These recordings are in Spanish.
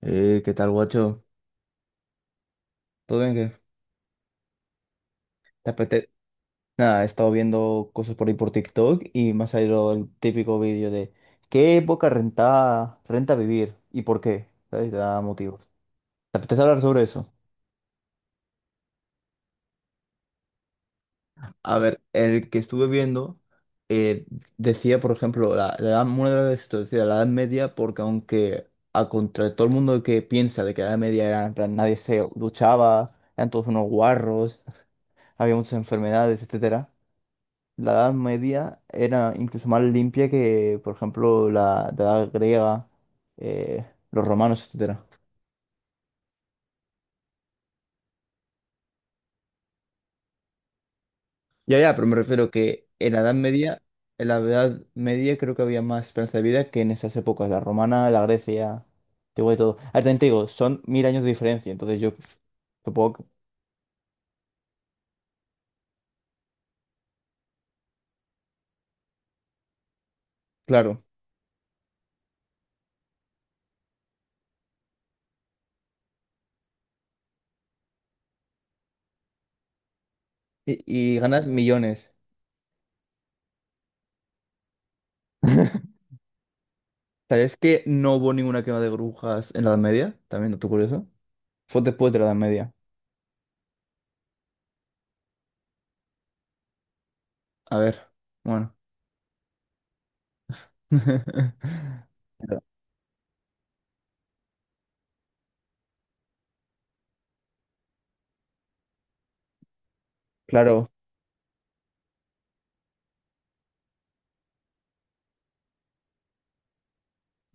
¿Qué tal, guacho? ¿Todo bien? ¿Qué? ¿Te apetece? Nada, he estado viendo cosas por ahí por TikTok y me ha salido el típico vídeo de ¿qué época renta vivir y por qué? ¿Sabes? Te da motivos. ¿Te apetece hablar sobre eso? A ver, el que estuve viendo eh, decía, por ejemplo, la edad, una de las veces decía la Edad Media, porque aunque a contra todo el mundo que piensa de que la Edad Media era, en plan, nadie se duchaba, eran todos unos guarros, había muchas enfermedades, etcétera. La Edad Media era incluso más limpia que, por ejemplo, la Edad griega, eh, los romanos, etcétera. Ya, ya, pero me refiero que en la Edad Media, en la Edad Media creo que había más esperanza de vida que en esas épocas, la romana, la Grecia, te digo de todo. Ah, también te digo, son mil años de diferencia, entonces yo supongo, que- claro, y, y ganas millones. ¿Sabes que no hubo ninguna quema de brujas en la Edad Media? También, dato curioso. Fue después de la Edad Media. A ver, bueno. Claro.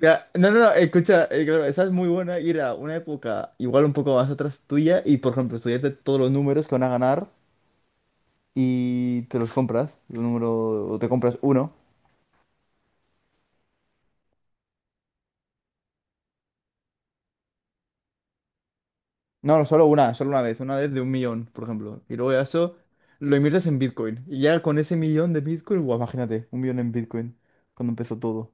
Ya, no, no, no, escucha, claro, esa es muy buena ir a una época igual un poco más atrás tuya y, por ejemplo, estudiarte todos los números que van a ganar y te los compras, el número, o te compras uno. No, no, solo una vez de un millón, por ejemplo. Y luego ya eso lo inviertes en Bitcoin. Y ya con ese millón de Bitcoin, guau, imagínate, un millón en Bitcoin, cuando empezó todo.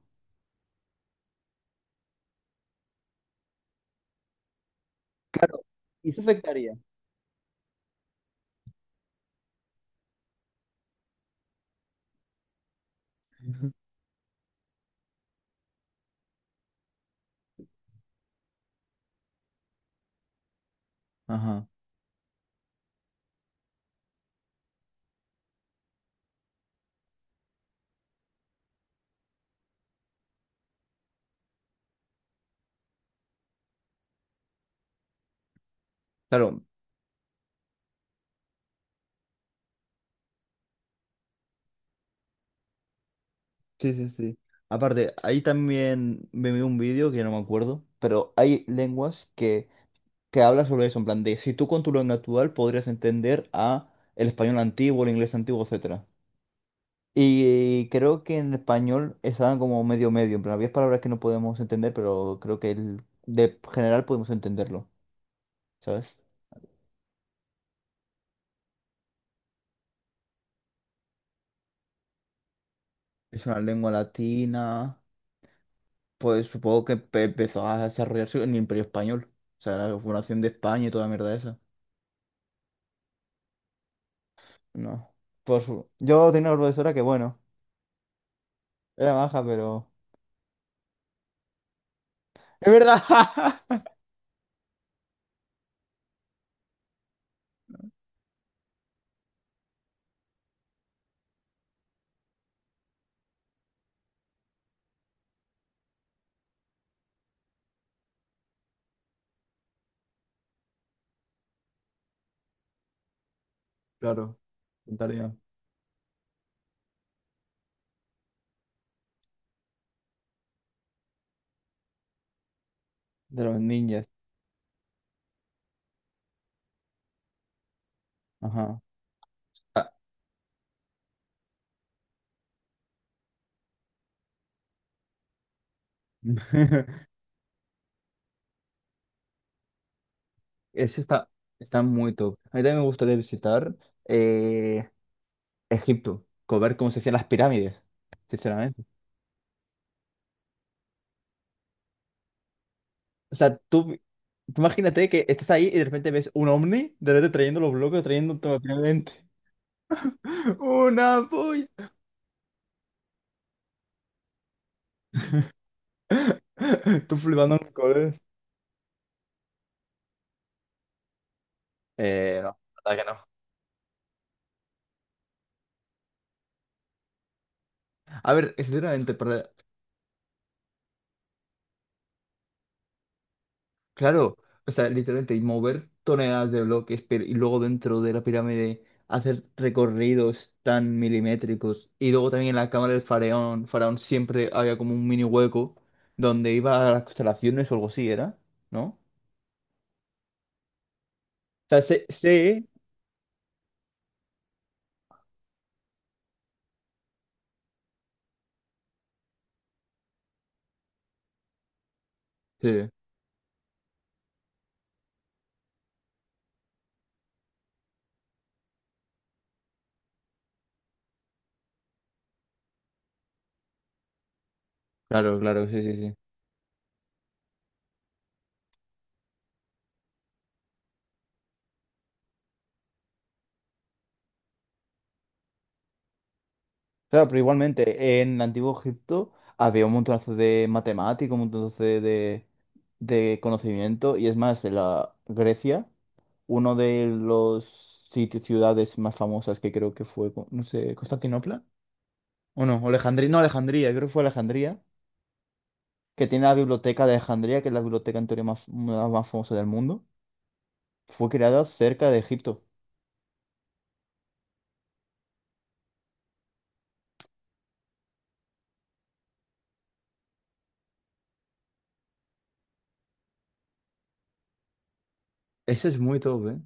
Claro, y eso afectaría. Ujú. Ajá. Claro, sí, sí, sí. Aparte, ahí también me vi un vídeo que no me acuerdo, pero hay lenguas que hablan sobre eso, en plan de si tú con tu lengua actual podrías entender a el español antiguo, el inglés antiguo, etcétera. Y creo que en español estaban como medio medio, en plan, había palabras que no podemos entender, pero creo que el- de general podemos entenderlo, ¿sabes? Es una lengua latina, pues supongo que empe- empezó a desarrollarse en el Imperio Español, o sea, la fundación de España y toda la mierda esa. No. Por su... Yo tenía una profesora que, bueno, era baja, pero... ¡Es verdad! Claro, tarea. De los ninjas. Ajá. Ah. Ese está, está muy top. A mí también me gustaría visitar eh, Egipto, co- ver cómo se hacían las pirámides, sinceramente. O sea, tú imagínate que estás ahí y de repente ves un ovni, de repente trayendo los bloques, trayendo todo finalmente. ¡Una polla! Tú flipando en colores. No, la verdad que no. A ver, sinceramente, para claro, o sea, literalmente, y mover toneladas de bloques, pero, y luego dentro de la pirámide hacer recorridos tan milimétricos. Y luego también en la cámara del faraón, faraón siempre había como un mini hueco donde iba a las constelaciones o algo así, ¿era? ¿No? O sea, sé, sé- sí, claro, claro, sí, sí, sí. Claro, pero igualmente, en el Antiguo Egipto había un montonazo de matemáticos, un montonazo de conocimiento, y es más, en la Grecia, uno de los sitios, ciudades más famosas que creo que fue, co- no sé, Constantinopla, o no, Alejandría, no, Alejandría, creo que fue Alejandría, que tiene la biblioteca de Alejandría, que es la biblioteca en teoría más, la más famosa del mundo, fue creada cerca de Egipto. Ese es muy top, ¿eh?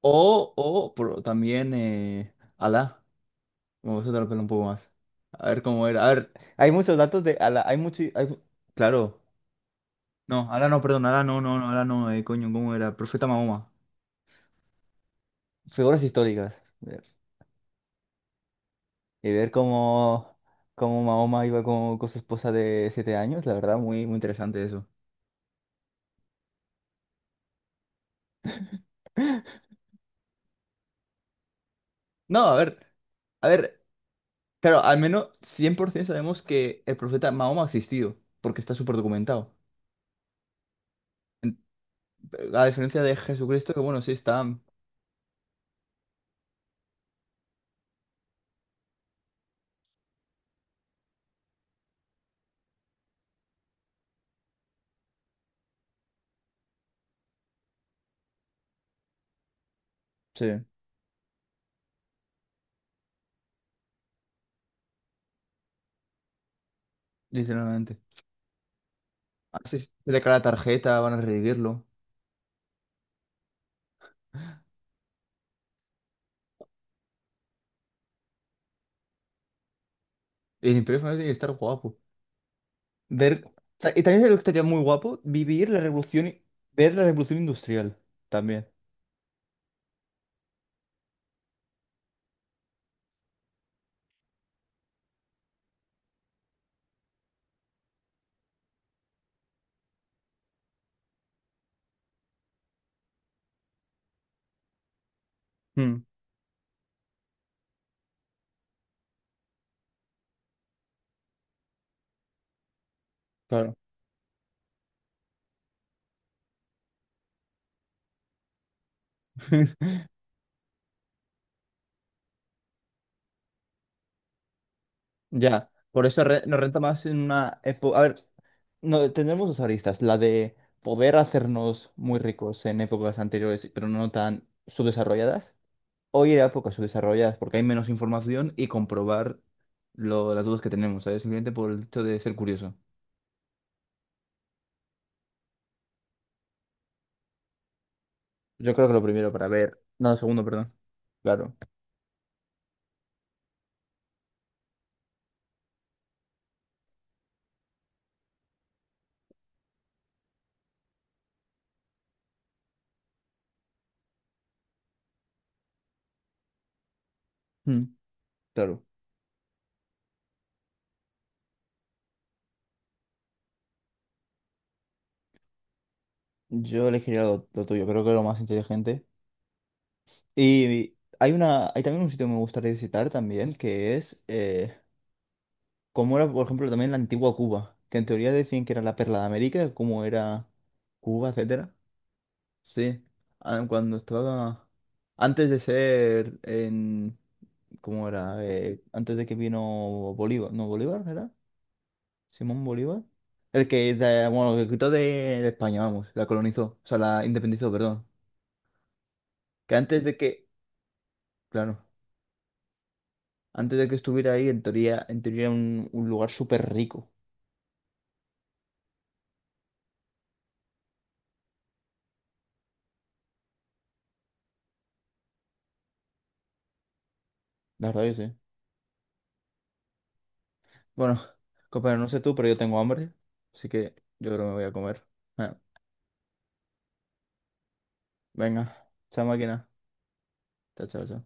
O, pero también, Alá. Me voy a soltar el pelo un poco más. A ver cómo era. A ver, hay muchos datos de Ala. Hay mucho. Hay claro. No, Ala no, perdón. Ala no, no, no, Ala no. Coño, ¿cómo era? Profeta Mahoma. Figuras históricas. Ver. Y ver cómo, cómo Mahoma iba con su esposa de siete años. La verdad, muy, muy interesante eso. No, a ver. A ver. Claro, al menos 100% sabemos que el profeta Mahoma ha existido. Porque está súper documentado. En- A diferencia de Jesucristo, que bueno, sí está. Sí, literalmente. Así se le cae la tarjeta, van a revivirlo. Y el Imperio Final tiene que estar guapo. Ver... o sea, y también lo que estaría muy guapo, vivir la revolución, i- ver la revolución industrial también. Mm, claro. Ya, por eso re- nos renta más en una época... A ver, no, tendremos dos aristas, la de poder hacernos muy ricos en épocas anteriores, pero no tan subdesarrolladas. Hoy era épocas subdesarrolladas porque hay menos información y comprobar lo, las dudas que tenemos, ¿sabes? Simplemente por el hecho de ser curioso. Yo creo que lo primero para ver. No, lo segundo, perdón. Claro. Mm, claro. Yo elegiría lo tuyo, creo que es lo más inteligente. Y hay una, hay también un sitio que me gustaría visitar también, que es cómo era, por ejemplo, también la antigua Cuba, que en teoría decían que era la perla de América, cómo era Cuba, etcétera. Sí. Ah, cuando estaba. Antes de ser en. ¿Cómo era? Antes de que vino Bolívar. No, Bolívar era. Simón Bolívar. El que, de- bueno, el que quitó de España, vamos, la colonizó, o sea, la independizó, perdón. Que antes de que, claro, antes de que estuviera ahí, en teoría era un lugar súper rico, la verdad que sí. Bueno, compañero, no sé tú, pero yo tengo hambre, así que yo creo que me voy a comer. Ah, venga, chao máquina. Chao, chao, chao.